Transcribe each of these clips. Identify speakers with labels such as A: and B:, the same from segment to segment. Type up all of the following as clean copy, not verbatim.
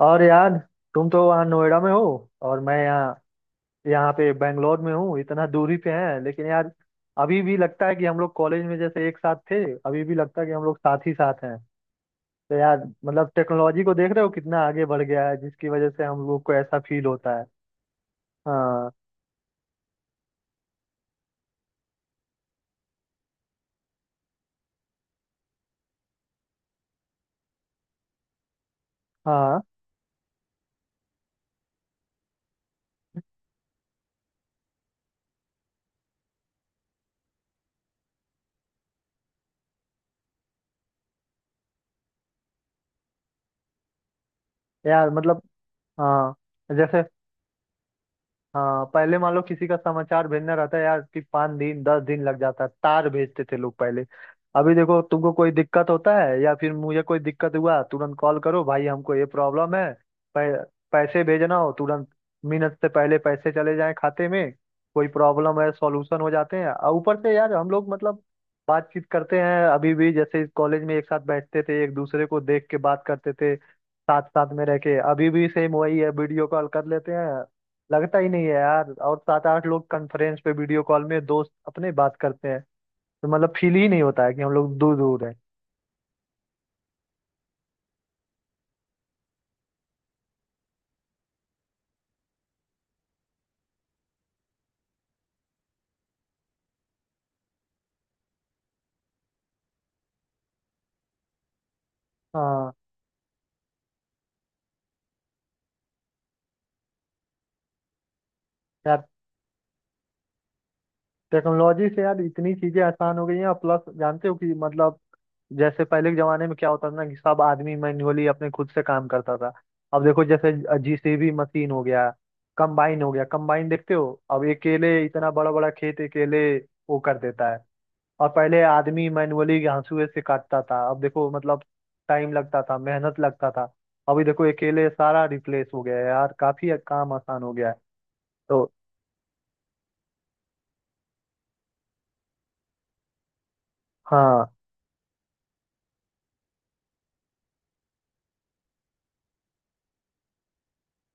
A: और यार, तुम तो वहाँ नोएडा में हो और मैं यहाँ यहाँ पे बेंगलोर में हूँ। इतना दूरी पे है, लेकिन यार, अभी भी लगता है कि हम लोग कॉलेज में जैसे एक साथ थे। अभी भी लगता है कि हम लोग साथ ही साथ हैं। तो यार मतलब टेक्नोलॉजी को देख रहे हो कितना आगे बढ़ गया है, जिसकी वजह से हम लोग को ऐसा फील होता है। हाँ। हाँ यार, मतलब। हाँ। जैसे। हाँ, पहले मान लो किसी का समाचार भेजना रहता है यार, कि 5 दिन 10 दिन लग जाता है, तार भेजते थे लोग पहले। अभी देखो तुमको कोई दिक्कत होता है या फिर मुझे कोई दिक्कत हुआ, तुरंत कॉल करो भाई, हमको ये प्रॉब्लम है। पै, पैसे भेजना हो तुरंत, मिनट से पहले पैसे चले जाएं खाते में। कोई प्रॉब्लम है सॉल्यूशन हो जाते हैं, और ऊपर से यार हम लोग मतलब बातचीत करते हैं, अभी भी जैसे कॉलेज में एक साथ बैठते थे, एक दूसरे को देख के बात करते थे। साथ साथ में रह के अभी भी सेम वही है, वीडियो कॉल कर लेते हैं। लगता ही नहीं है यार, और सात आठ लोग कॉन्फ्रेंस पे वीडियो कॉल में दोस्त अपने बात करते हैं, तो मतलब फील ही नहीं होता है कि हम लोग दूर दूर हैं। हाँ। यार टेक्नोलॉजी से यार इतनी चीजें आसान हो गई हैं, प्लस जानते हो कि मतलब जैसे पहले के जमाने में क्या होता था ना, कि सब आदमी मैन्युअली अपने खुद से काम करता था। अब देखो, जैसे जेसीबी मशीन हो गया, कंबाइन हो गया। कंबाइन देखते हो अब अकेले इतना बड़ा बड़ा खेत अकेले वो कर देता है। और पहले आदमी मैनुअली हंसुए से काटता था, अब देखो मतलब टाइम लगता था, मेहनत लगता था। अभी देखो अकेले सारा रिप्लेस हो गया है यार, काफी काम आसान हो गया है। तो हाँ।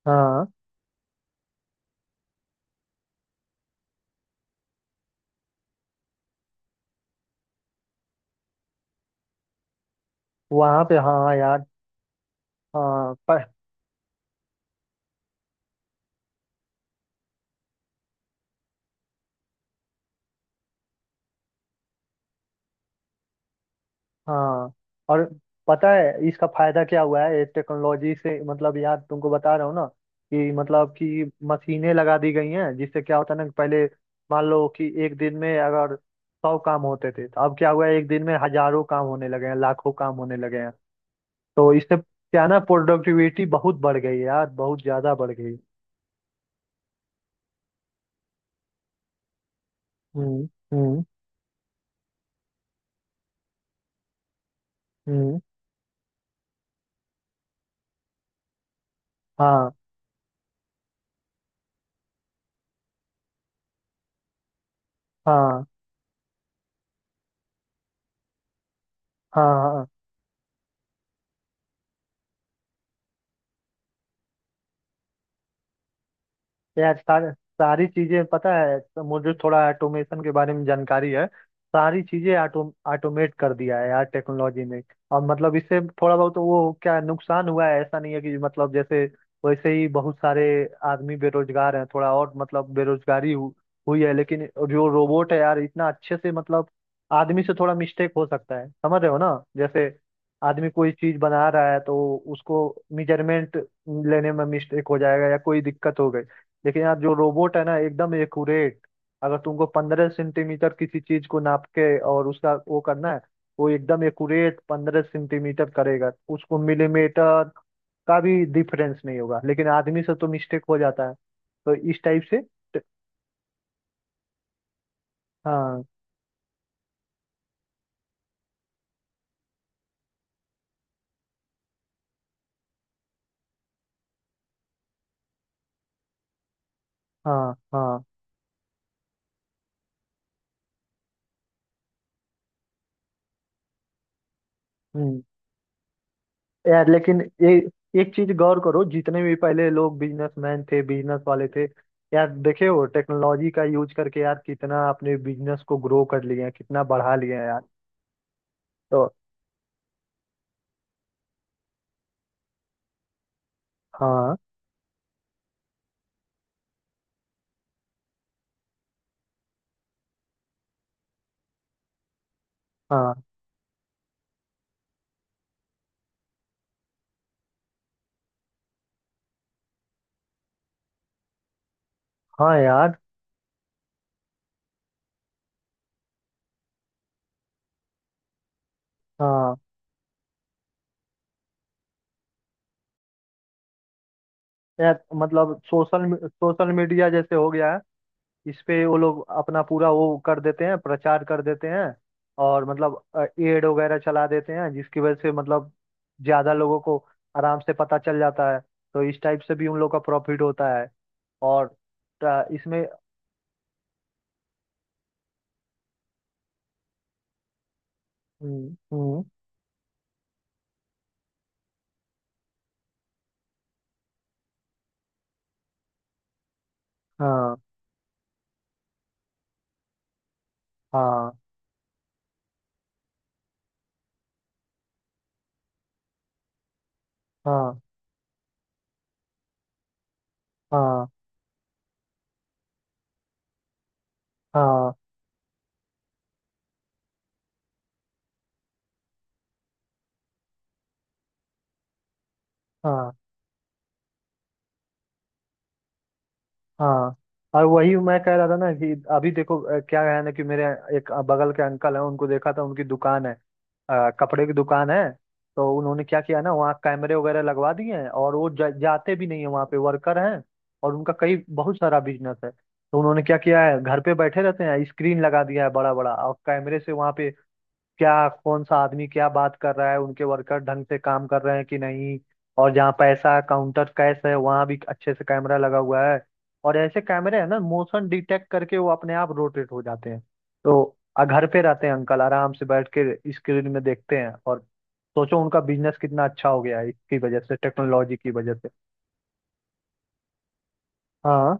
A: हाँ। वहाँ पे, हाँ यार। हाँ। हाँ। और पता है इसका फायदा क्या हुआ है ये टेक्नोलॉजी से? मतलब यार तुमको बता रहा हूँ ना कि मतलब कि मशीनें लगा दी गई हैं, जिससे क्या होता है ना कि पहले मान लो कि एक दिन में अगर 100 काम होते थे, तो अब क्या हुआ है एक दिन में हजारों काम होने लगे हैं, लाखों काम होने लगे हैं। तो इससे क्या ना प्रोडक्टिविटी बहुत बढ़ गई है यार, बहुत ज्यादा बढ़ गई। हम्म। हम्म। हम्म। हाँ। हाँ। हाँ। हाँ। यार सारे सारी चीजें पता है, तो मुझे थोड़ा ऑटोमेशन के बारे में जानकारी है। सारी चीजें ऑटोमेट कर दिया है यार टेक्नोलॉजी ने। और मतलब इससे थोड़ा बहुत तो वो क्या, नुकसान हुआ है, ऐसा नहीं है कि मतलब जैसे वैसे ही बहुत सारे आदमी बेरोजगार हैं, थोड़ा और मतलब बेरोजगारी हुई है। लेकिन जो रोबोट है यार इतना अच्छे से मतलब आदमी से थोड़ा मिस्टेक हो सकता है, समझ रहे हो ना, जैसे आदमी कोई चीज बना रहा है तो उसको मेजरमेंट लेने में मिस्टेक हो जाएगा या कोई दिक्कत हो गई। लेकिन यार जो रोबोट है ना एकदम एक्यूरेट। अगर तुमको 15 सेंटीमीटर किसी चीज को नाप के और उसका वो करना है, वो एकदम एक्यूरेट 15 सेंटीमीटर करेगा उसको, मिलीमीटर का भी डिफरेंस नहीं होगा। लेकिन आदमी से तो मिस्टेक हो जाता है। तो इस टाइप से। हाँ। हाँ। हाँ। हम्म। यार लेकिन ये एक चीज गौर करो, जितने भी पहले लोग बिजनेसमैन थे बिजनेस वाले थे यार, देखे हो टेक्नोलॉजी का यूज करके यार कितना अपने बिजनेस को ग्रो कर लिए हैं, कितना बढ़ा लिए हैं यार। तो हाँ। हाँ। हाँ यार। हाँ। यार मतलब सोशल सोशल मीडिया जैसे हो गया है। इस पे वो लोग अपना पूरा वो कर देते हैं, प्रचार कर देते हैं। और मतलब एड वगैरह चला देते हैं, जिसकी वजह से मतलब ज्यादा लोगों को आराम से पता चल जाता है। तो इस टाइप से भी उन लोग का प्रॉफिट होता है। और इसमें। हम्म। हम्म। हाँ। हाँ। हाँ। हाँ। हाँ। हाँ। हाँ। और वही मैं कह रहा था ना, कि अभी देखो, क्या है ना कि मेरे एक बगल के अंकल हैं, उनको देखा था, उनकी दुकान है। कपड़े की दुकान है। तो उन्होंने क्या किया ना, वहाँ कैमरे वगैरह लगवा दिए हैं, और वो जाते भी नहीं है वहाँ पे, वर्कर हैं। और उनका कई बहुत सारा बिजनेस है। तो उन्होंने क्या किया है, घर पे बैठे रहते हैं, स्क्रीन लगा दिया है बड़ा बड़ा, और कैमरे से वहाँ पे क्या, कौन सा आदमी क्या बात कर रहा है, उनके वर्कर ढंग से काम कर रहे हैं कि नहीं। और जहाँ पैसा काउंटर कैश है वहाँ भी अच्छे से कैमरा लगा हुआ है। और ऐसे कैमरे हैं ना, मोशन डिटेक्ट करके वो अपने आप रोटेट हो जाते हैं। तो घर पे रहते हैं अंकल आराम से बैठ के स्क्रीन में देखते हैं, और सोचो उनका बिजनेस कितना अच्छा हो गया है इसकी वजह से, टेक्नोलॉजी की वजह से। हाँ।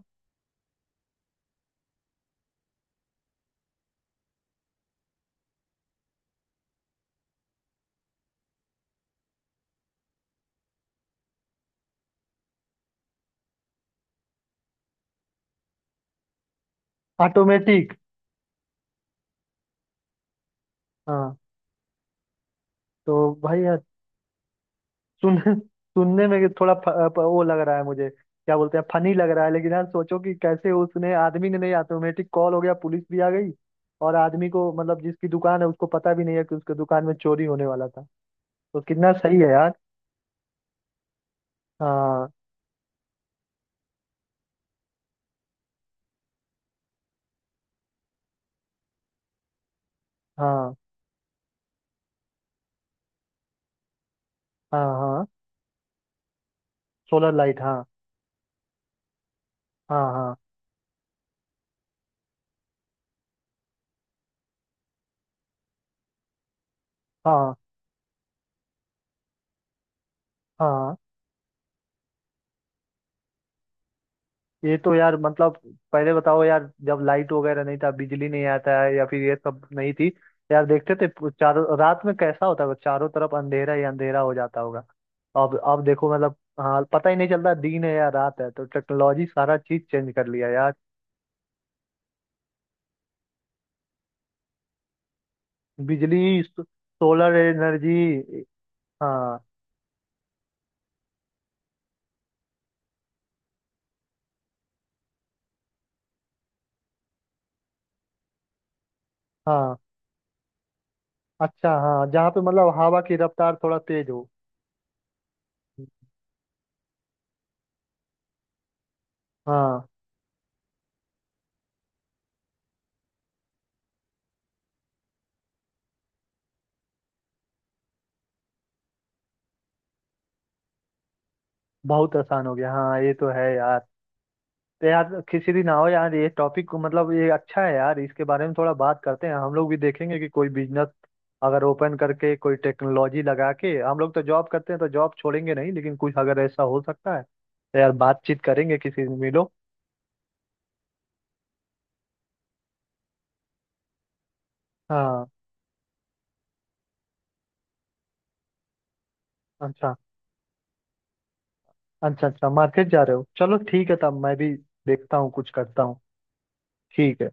A: ऑटोमेटिक। हाँ। तो भाई, सुन सुनने में थोड़ा वो लग रहा है, मुझे क्या बोलते हैं, फनी लग रहा है, लेकिन यार सोचो कि कैसे, उसने आदमी ने नहीं, ऑटोमेटिक कॉल हो गया, पुलिस भी आ गई। और आदमी को मतलब जिसकी दुकान है उसको पता भी नहीं है कि उसके दुकान में चोरी होने वाला था। तो कितना सही है यार। हाँ। हाँ। हाँ। हाँ। सोलर लाइट, हाँ। हाँ। हाँ। हाँ। हाँ। ये तो यार मतलब पहले बताओ यार जब लाइट वगैरह नहीं था, बिजली नहीं आता है या फिर ये सब नहीं थी। यार देखते थे चारों, रात में कैसा होता है, चारों तरफ अंधेरा ही अंधेरा हो जाता होगा। अब देखो मतलब, हाँ, पता ही नहीं चलता दिन है या रात है। तो टेक्नोलॉजी सारा चीज चेंज कर लिया यार। बिजली, सोलर एनर्जी। हाँ। हाँ। अच्छा, हाँ, जहाँ पे मतलब हवा की रफ्तार थोड़ा तेज हो। हाँ, बहुत आसान हो गया, हाँ, ये तो है यार। तो यार किसी दिन आओ यार, ये टॉपिक मतलब ये अच्छा है यार, इसके बारे में थोड़ा बात करते हैं हम लोग, भी देखेंगे कि कोई बिजनेस अगर ओपन करके कोई टेक्नोलॉजी लगा के, हम लोग तो जॉब करते हैं तो जॉब छोड़ेंगे नहीं, लेकिन कुछ अगर ऐसा हो सकता है तो यार बातचीत करेंगे किसी दिन, मिलो। हाँ। अच्छा। अच्छा। अच्छा, मार्केट जा रहे हो, चलो ठीक है, तब मैं भी देखता हूँ कुछ करता हूँ। ठीक है।